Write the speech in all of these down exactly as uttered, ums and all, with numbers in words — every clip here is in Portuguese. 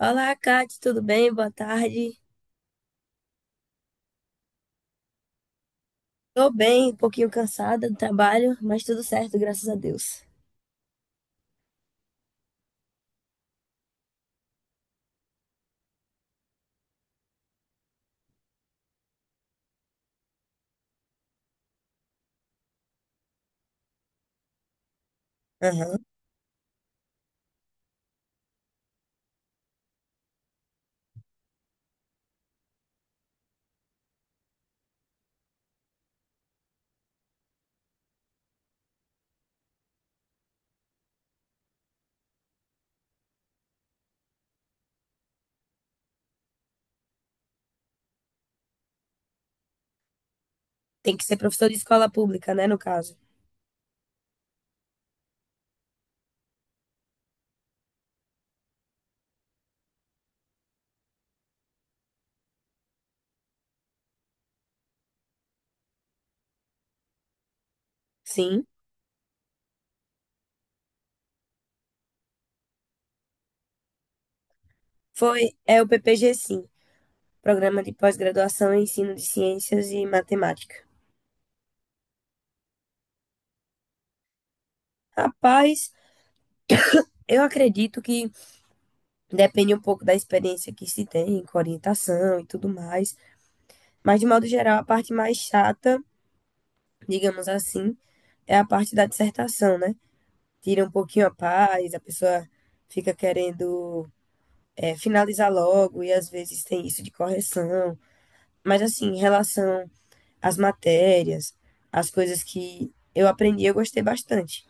Olá, Kate, tudo bem? Boa tarde. Tô bem, um pouquinho cansada do trabalho, mas tudo certo, graças a Deus. Aham. Tem que ser professor de escola pública, né, no caso? Sim. Foi, é o P P G, sim. Programa de Pós-Graduação em Ensino de Ciências e Matemática. Rapaz, eu acredito que depende um pouco da experiência que se tem com orientação e tudo mais, mas de modo geral, a parte mais chata, digamos assim, é a parte da dissertação, né? Tira um pouquinho a paz, a pessoa fica querendo é, finalizar logo e às vezes tem isso de correção. Mas assim, em relação às matérias, as coisas que eu aprendi, eu gostei bastante.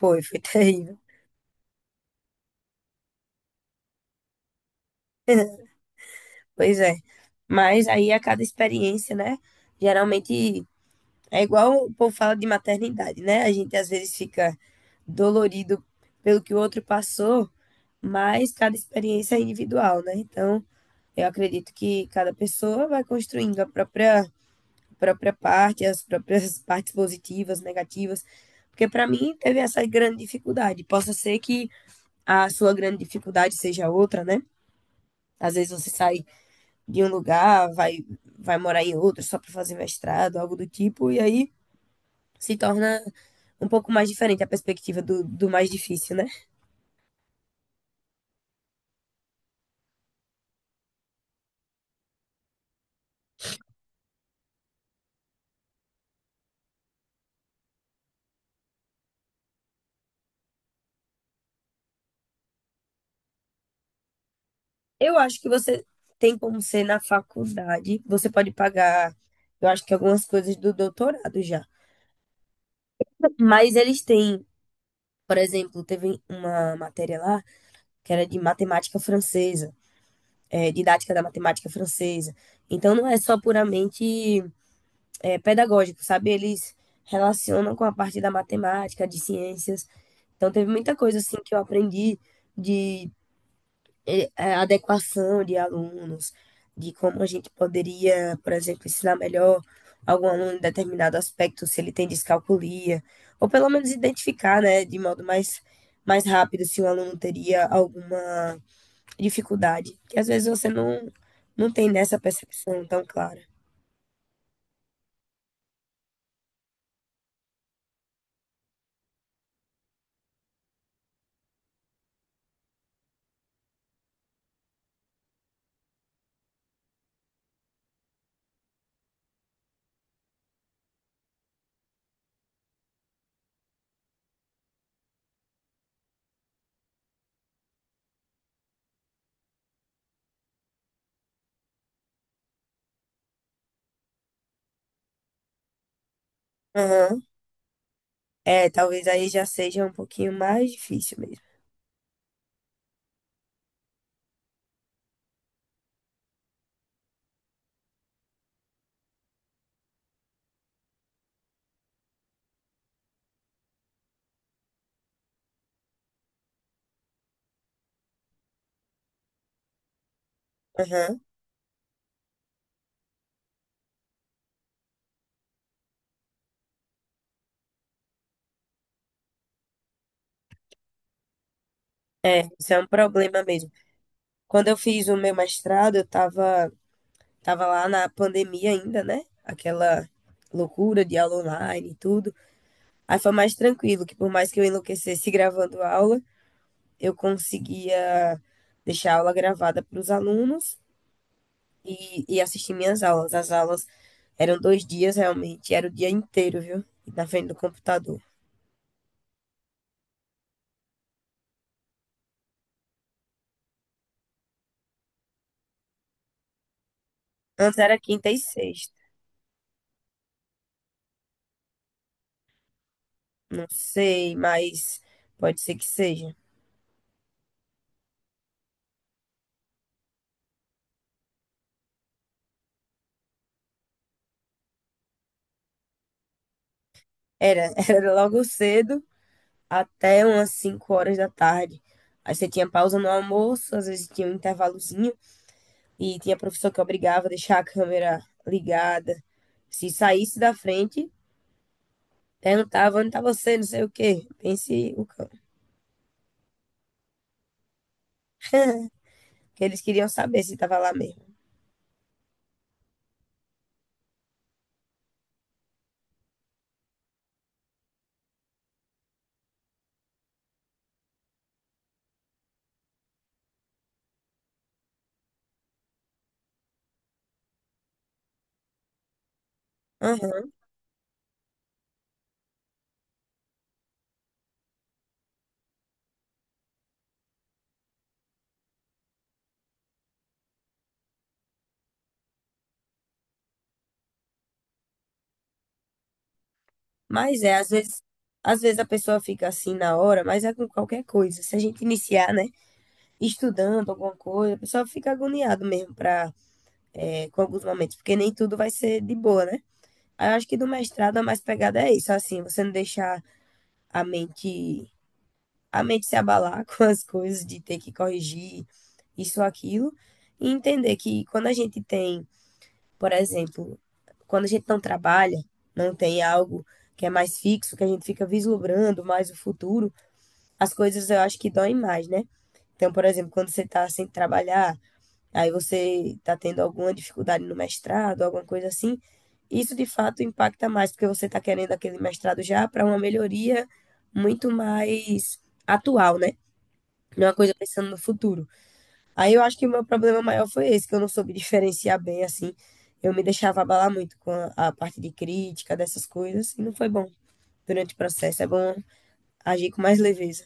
Foi, foi terrível. Pois é. Mas aí a cada experiência, né? Geralmente é igual o povo fala de maternidade, né? A gente às vezes fica dolorido pelo que o outro passou, mas cada experiência é individual, né? Então, eu acredito que cada pessoa vai construindo a própria, a própria parte, as próprias partes positivas, negativas. Porque para mim teve essa grande dificuldade. Possa ser que a sua grande dificuldade seja outra, né? Às vezes você sai de um lugar, vai, vai morar em outro só para fazer mestrado, algo do tipo, e aí se torna um pouco mais diferente a perspectiva do, do mais difícil, né? Eu acho que você tem como ser na faculdade, você pode pagar, eu acho que algumas coisas do doutorado já, mas eles têm, por exemplo, teve uma matéria lá que era de matemática francesa. É, didática da matemática francesa. Então, não é só puramente é, pedagógico, sabe? Eles relacionam com a parte da matemática, de ciências. Então, teve muita coisa assim que eu aprendi de eh, eh, adequação de alunos, de como a gente poderia, por exemplo, ensinar melhor algum aluno em determinado aspecto, se ele tem descalculia, ou pelo menos identificar, né, de modo mais, mais rápido se o aluno teria alguma dificuldade, que às vezes você não, não tem nessa percepção tão clara. Aham. É, talvez aí já seja um pouquinho mais difícil mesmo. Aham. Isso é um problema mesmo. Quando eu fiz o meu mestrado, eu tava, tava lá na pandemia ainda, né? Aquela loucura de aula online e tudo. Aí foi mais tranquilo, que por mais que eu enlouquecesse gravando aula, eu conseguia deixar a aula gravada para os alunos e, e assistir minhas aulas. As aulas eram dois dias realmente, era o dia inteiro, viu? Na frente do computador. Antes era quinta e sexta. Não sei, mas pode ser que seja. Era, era logo cedo até umas cinco horas da tarde. Aí você tinha pausa no almoço, às vezes tinha um intervalozinho e tinha professor que obrigava a deixar a câmera ligada. Se saísse da frente, perguntava onde tá você, não sei o quê. Pense o cão. Que eles queriam saber se tava lá mesmo. Aham. Mas é, às vezes, às vezes a pessoa fica assim na hora, mas é com qualquer coisa. Se a gente iniciar, né? Estudando alguma coisa, o pessoal fica agoniado mesmo pra, é, com alguns momentos, porque nem tudo vai ser de boa, né? Aí eu acho que do mestrado a mais pegada é isso, assim, você não deixar a mente, a mente se abalar com as coisas de ter que corrigir isso ou aquilo, e entender que quando a gente tem, por exemplo, quando a gente não trabalha, não tem algo que é mais fixo, que a gente fica vislumbrando mais o futuro, as coisas eu acho que doem mais, né? Então, por exemplo, quando você está sem trabalhar, aí você está tendo alguma dificuldade no mestrado, alguma coisa assim, isso de fato impacta mais, porque você está querendo aquele mestrado já para uma melhoria muito mais atual, né? Não é uma coisa pensando no futuro. Aí eu acho que o meu problema maior foi esse, que eu não soube diferenciar bem, assim. Eu me deixava abalar muito com a, a parte de crítica, dessas coisas, e não foi bom durante o processo. É bom agir com mais leveza.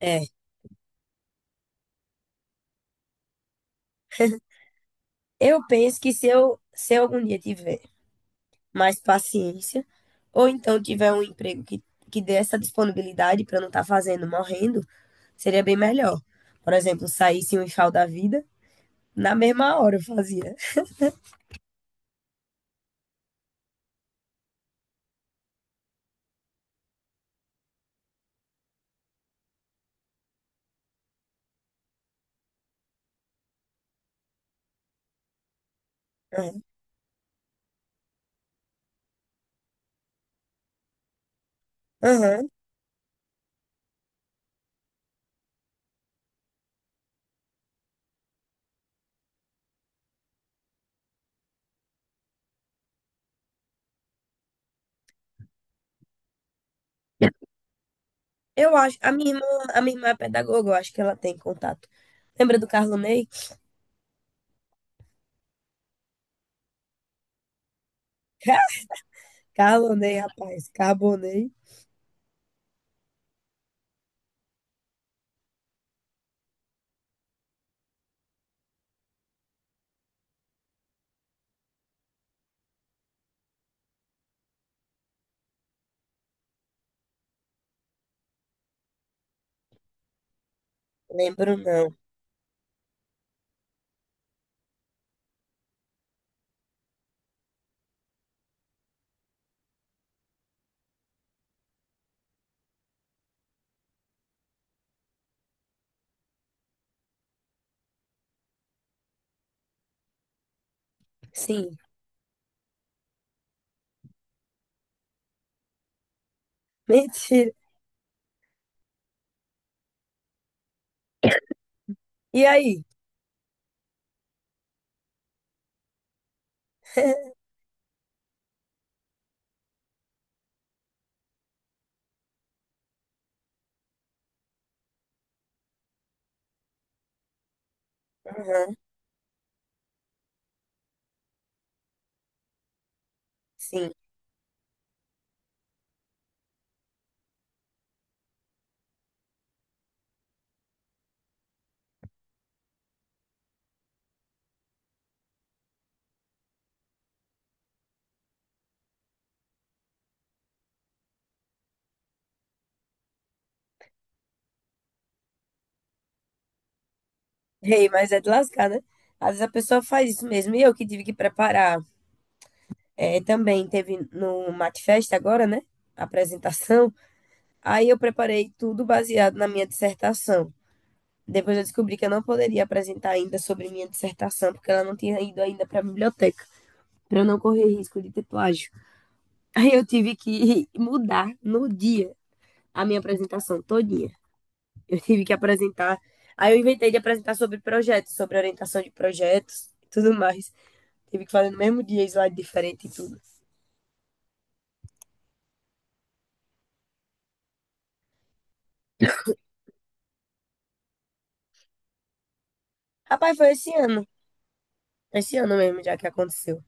É, eu penso que se eu, se eu algum dia tiver, mais paciência, ou então tiver um emprego que, que dê essa disponibilidade para não estar fazendo, morrendo, seria bem melhor. Por exemplo, saísse um enxau da vida, na mesma hora eu fazia. Aham. Aham. Eu acho, a minha irmã, a minha irmã é pedagoga, eu acho que ela tem contato. Lembra do Carlonei? Carlonei, rapaz, Carbonei. Lembro não. Sim, mentira. E aí? Aham, sim. Rei, mas é de lascar, né? Às vezes a pessoa faz isso mesmo. E eu que tive que preparar. É, também teve no Matfest agora, né? A apresentação. Aí eu preparei tudo baseado na minha dissertação. Depois eu descobri que eu não poderia apresentar ainda sobre minha dissertação, porque ela não tinha ido ainda para a biblioteca, para eu não correr risco de ter plágio. Aí eu tive que mudar no dia a minha apresentação todinha. Eu tive que apresentar. Aí eu inventei de apresentar sobre projetos, sobre orientação de projetos e tudo mais. Tive que fazer no mesmo dia, slide diferente e tudo. Rapaz, foi esse ano. Esse ano mesmo, já que aconteceu.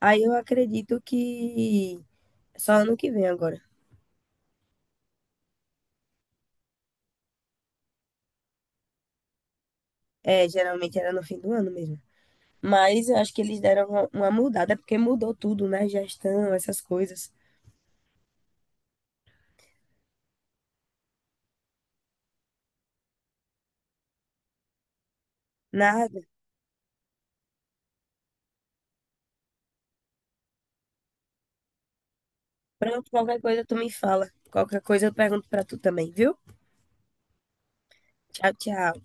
Aí eu acredito que só ano que vem agora. É, geralmente era no fim do ano mesmo. Mas eu acho que eles deram uma uma mudada, porque mudou tudo, né? Gestão, essas coisas. Nada. Pronto, qualquer coisa tu me fala. Qualquer coisa eu pergunto pra tu também, viu? Tchau, tchau.